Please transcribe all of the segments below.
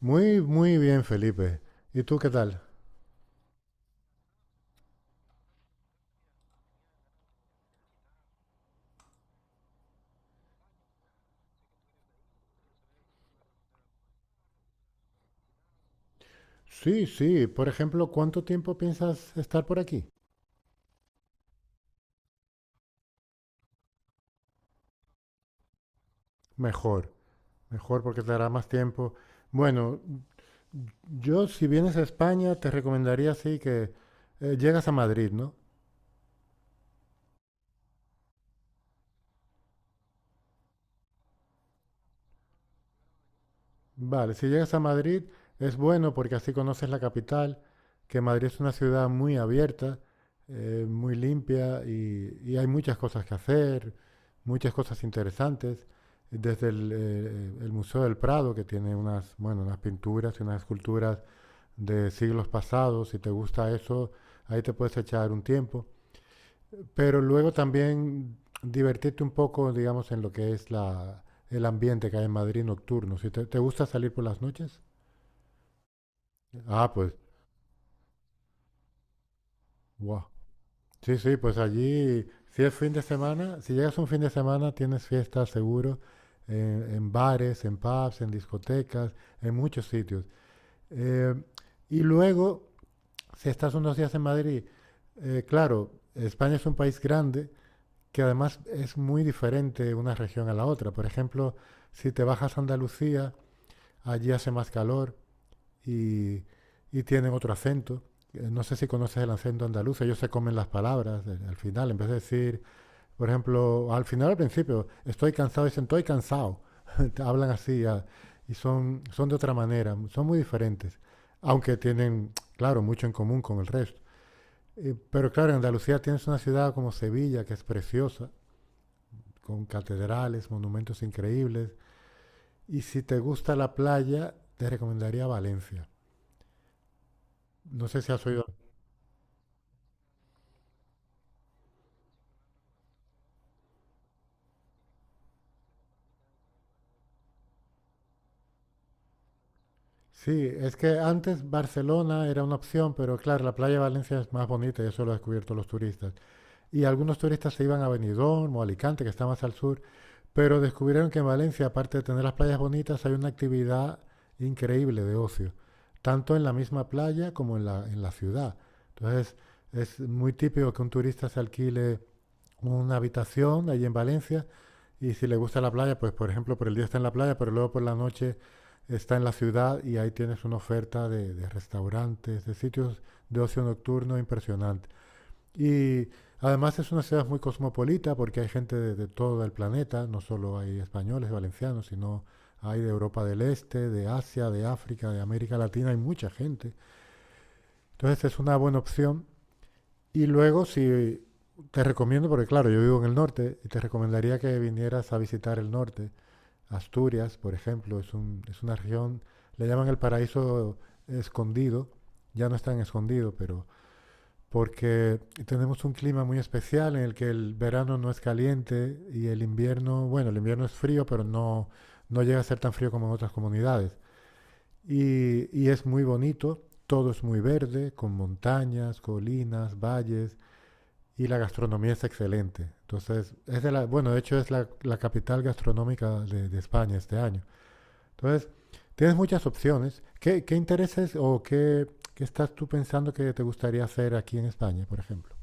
Muy, muy bien, Felipe. ¿Y tú qué tal? Sí, sí. Por ejemplo, ¿cuánto tiempo piensas estar por aquí? Mejor, mejor porque te dará más tiempo. Bueno, yo si vienes a España te recomendaría sí que llegas a Madrid, ¿no? Vale, si llegas a Madrid es bueno porque así conoces la capital, que Madrid es una ciudad muy abierta, muy limpia y hay muchas cosas que hacer, muchas cosas interesantes, desde el Museo del Prado, que tiene unas, bueno, unas pinturas y unas esculturas de siglos pasados, si te gusta eso, ahí te puedes echar un tiempo, pero luego también divertirte un poco, digamos, en lo que es el ambiente que hay en Madrid nocturno. ¿Si te gusta salir por las noches? Ah, pues, wow. Sí, sí, pues allí, si es fin de semana, si llegas un fin de semana, tienes fiestas seguro en bares, en pubs, en discotecas, en muchos sitios. Eh, y luego, si estás unos días en Madrid, claro, España es un país grande que además es muy diferente una región a la otra. Por ejemplo, si te bajas a Andalucía, allí hace más calor, y, y tienen otro acento. No sé si conoces el acento andaluz, ellos se comen las palabras al final, en vez de decir, por ejemplo, al final, al principio, estoy cansado, dicen, estoy cansado. Hablan así ah, y son de otra manera, son muy diferentes, aunque tienen, claro, mucho en común con el resto. Pero claro, en Andalucía tienes una ciudad como Sevilla, que es preciosa, con catedrales, monumentos increíbles. Y si te gusta la playa, te recomendaría Valencia. No sé si has oído. Sí, es que antes Barcelona era una opción, pero claro, la playa de Valencia es más bonita y eso lo han descubierto los turistas. Y algunos turistas se iban a Benidorm o Alicante, que está más al sur, pero descubrieron que en Valencia, aparte de tener las playas bonitas, hay una actividad increíble de ocio, tanto en la misma playa como en la ciudad. Entonces, es muy típico que un turista se alquile una habitación allí en Valencia y si le gusta la playa, pues por ejemplo por el día está en la playa, pero luego por la noche está en la ciudad y ahí tienes una oferta de restaurantes, de sitios de ocio nocturno impresionante. Y además es una ciudad muy cosmopolita porque hay gente de todo el planeta, no solo hay españoles, valencianos, sino hay de Europa del Este, de Asia, de África, de América Latina, hay mucha gente. Entonces es una buena opción y luego, si te recomiendo, porque claro, yo vivo en el norte, y te recomendaría que vinieras a visitar el norte. Asturias, por ejemplo, es una región, le llaman el paraíso escondido, ya no es tan escondido, pero porque tenemos un clima muy especial en el que el verano no es caliente y el invierno, bueno, el invierno es frío, pero no llega a ser tan frío como en otras comunidades. Y es muy bonito, todo es muy verde, con montañas, colinas, valles, y la gastronomía es excelente. Entonces, es de la, bueno, de hecho es la capital gastronómica de España este año. Entonces, tienes muchas opciones. ¿Qué intereses o qué, estás tú pensando que te gustaría hacer aquí en España, por ejemplo?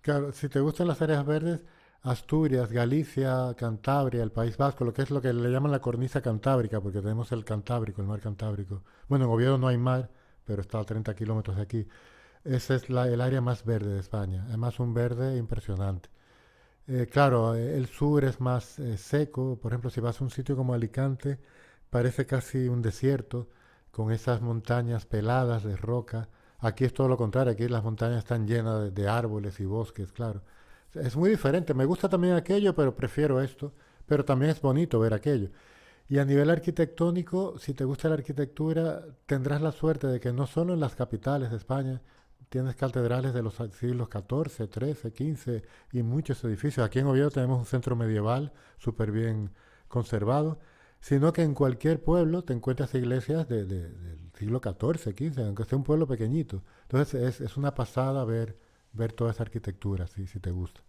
Claro, si te gustan las áreas verdes, Asturias, Galicia, Cantabria, el País Vasco, lo que es lo que le llaman la cornisa cantábrica, porque tenemos el Cantábrico, el mar Cantábrico. Bueno, en Oviedo no hay mar, pero está a 30 kilómetros de aquí. Ese es el área más verde de España. Además, un verde impresionante. Claro, el sur es más seco. Por ejemplo, si vas a un sitio como Alicante, parece casi un desierto con esas montañas peladas de roca. Aquí es todo lo contrario, aquí las montañas están llenas de árboles y bosques, claro. Es muy diferente. Me gusta también aquello, pero prefiero esto. Pero también es bonito ver aquello. Y a nivel arquitectónico, si te gusta la arquitectura, tendrás la suerte de que no solo en las capitales de España tienes catedrales de los siglos XIV, XIII, XV y muchos edificios. Aquí en Oviedo tenemos un centro medieval súper bien conservado, sino que en cualquier pueblo te encuentras iglesias del siglo XIV, XV, aunque sea un pueblo pequeñito. Entonces es una pasada ver toda esa arquitectura, si te gusta.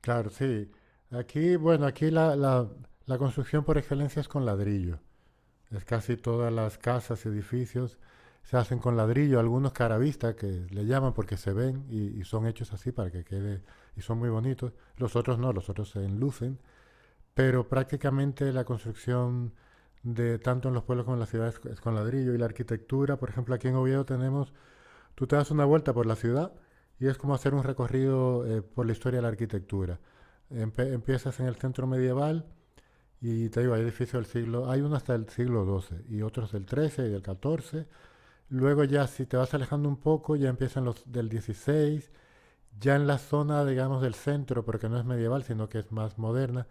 Claro, sí. Aquí, bueno, aquí la construcción por excelencia es con ladrillo. Es casi todas las casas y edificios se hacen con ladrillo, algunos caravista que le llaman porque se ven y son hechos así para que quede, y son muy bonitos. Los otros no, los otros se enlucen, pero prácticamente la construcción de tanto en los pueblos como en las ciudades es con ladrillo y la arquitectura, por ejemplo, aquí en Oviedo tenemos. Tú te das una vuelta por la ciudad y es como hacer un recorrido por la historia de la arquitectura. Empiezas en el centro medieval y te digo, hay edificios del siglo, hay uno hasta el siglo XII y otros del XIII y del XIV. Luego ya si te vas alejando un poco ya empiezan los del XVI ya en la zona, digamos, del centro, porque no es medieval, sino que es más moderna,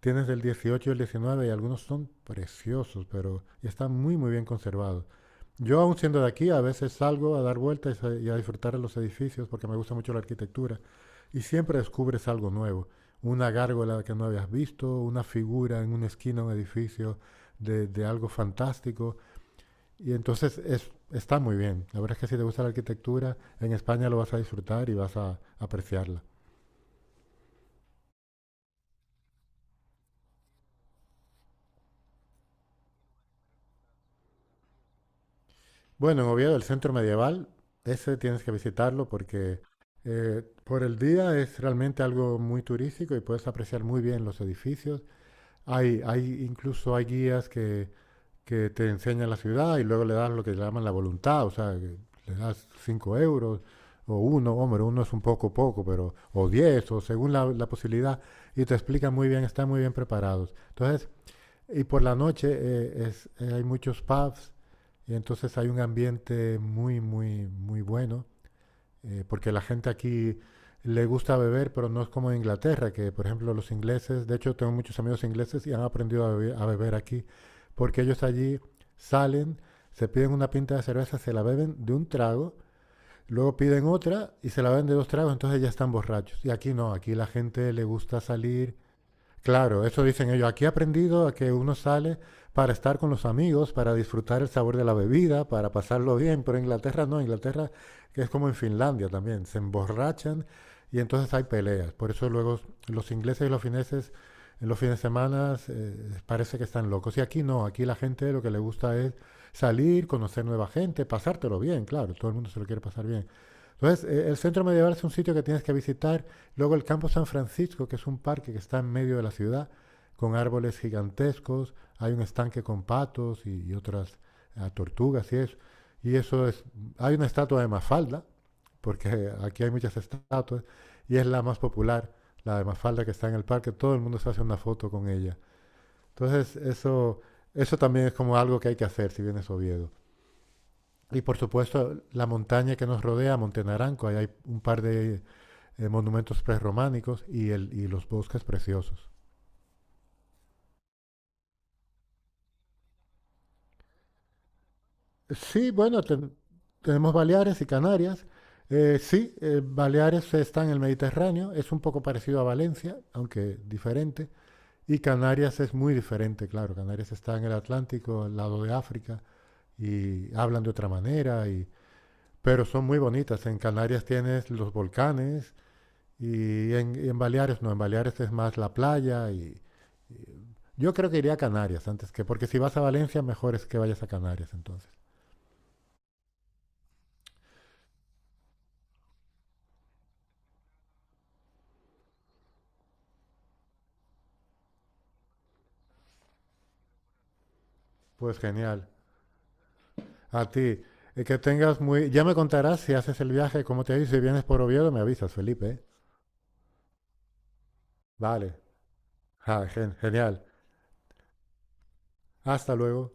tienes del 18 y el 19 y algunos son preciosos, pero y están muy, muy bien conservados. Yo, aún siendo de aquí, a veces salgo a dar vueltas y a disfrutar de los edificios porque me gusta mucho la arquitectura y siempre descubres algo nuevo. Una gárgola que no habías visto, una figura en una esquina de un edificio de algo fantástico. Y entonces está muy bien. La verdad es que si te gusta la arquitectura, en España lo vas a disfrutar y vas a apreciarla. Bueno, en Oviedo, el centro medieval, ese tienes que visitarlo porque por el día es realmente algo muy turístico y puedes apreciar muy bien los edificios. Hay incluso hay guías que te enseña la ciudad y luego le das lo que llaman la voluntad, o sea, que le das 5 euros o uno, hombre, uno es un poco poco, pero o 10 o según la posibilidad y te explican muy bien, están muy bien preparados. Entonces, y por la noche hay muchos pubs y entonces hay un ambiente muy, muy, muy bueno porque la gente aquí le gusta beber, pero no es como en Inglaterra, que por ejemplo los ingleses, de hecho tengo muchos amigos ingleses y han aprendido a beber aquí, porque ellos allí salen, se piden una pinta de cerveza, se la beben de un trago, luego piden otra y se la beben de dos tragos, entonces ya están borrachos. Y aquí no, aquí la gente le gusta salir. Claro, eso dicen ellos. Aquí he aprendido a que uno sale para estar con los amigos, para disfrutar el sabor de la bebida, para pasarlo bien, pero en Inglaterra no, Inglaterra que es como en Finlandia también, se emborrachan y entonces hay peleas. Por eso luego los ingleses y los fineses en los fines de semana parece que están locos. Y aquí no, aquí la gente lo que le gusta es salir, conocer nueva gente, pasártelo bien, claro, todo el mundo se lo quiere pasar bien. Entonces, el centro medieval es un sitio que tienes que visitar. Luego el Campo San Francisco, que es un parque que está en medio de la ciudad, con árboles gigantescos, hay un estanque con patos y otras tortugas y eso. Y eso es, hay una estatua de Mafalda, porque aquí hay muchas estatuas, y es la más popular, la de Mafalda que está en el parque, todo el mundo se hace una foto con ella. Entonces eso también es como algo que hay que hacer si vienes a Oviedo. Y por supuesto la montaña que nos rodea, Monte Naranco, ahí hay un par de monumentos prerrománicos y los bosques preciosos. Sí, bueno, tenemos Baleares y Canarias. Sí, Baleares está en el Mediterráneo, es un poco parecido a Valencia, aunque diferente. Y Canarias es muy diferente, claro. Canarias está en el Atlántico, al lado de África, y hablan de otra manera, pero son muy bonitas. En Canarias tienes los volcanes y en Baleares no, en Baleares es más la playa yo creo que iría a Canarias antes que, porque si vas a Valencia, mejor es que vayas a Canarias entonces. Pues genial. A ti, que tengas muy... Ya me contarás si haces el viaje, cómo te dice, si vienes por Oviedo, me avisas, Felipe. ¿Eh? Vale. Ah, genial. Hasta luego.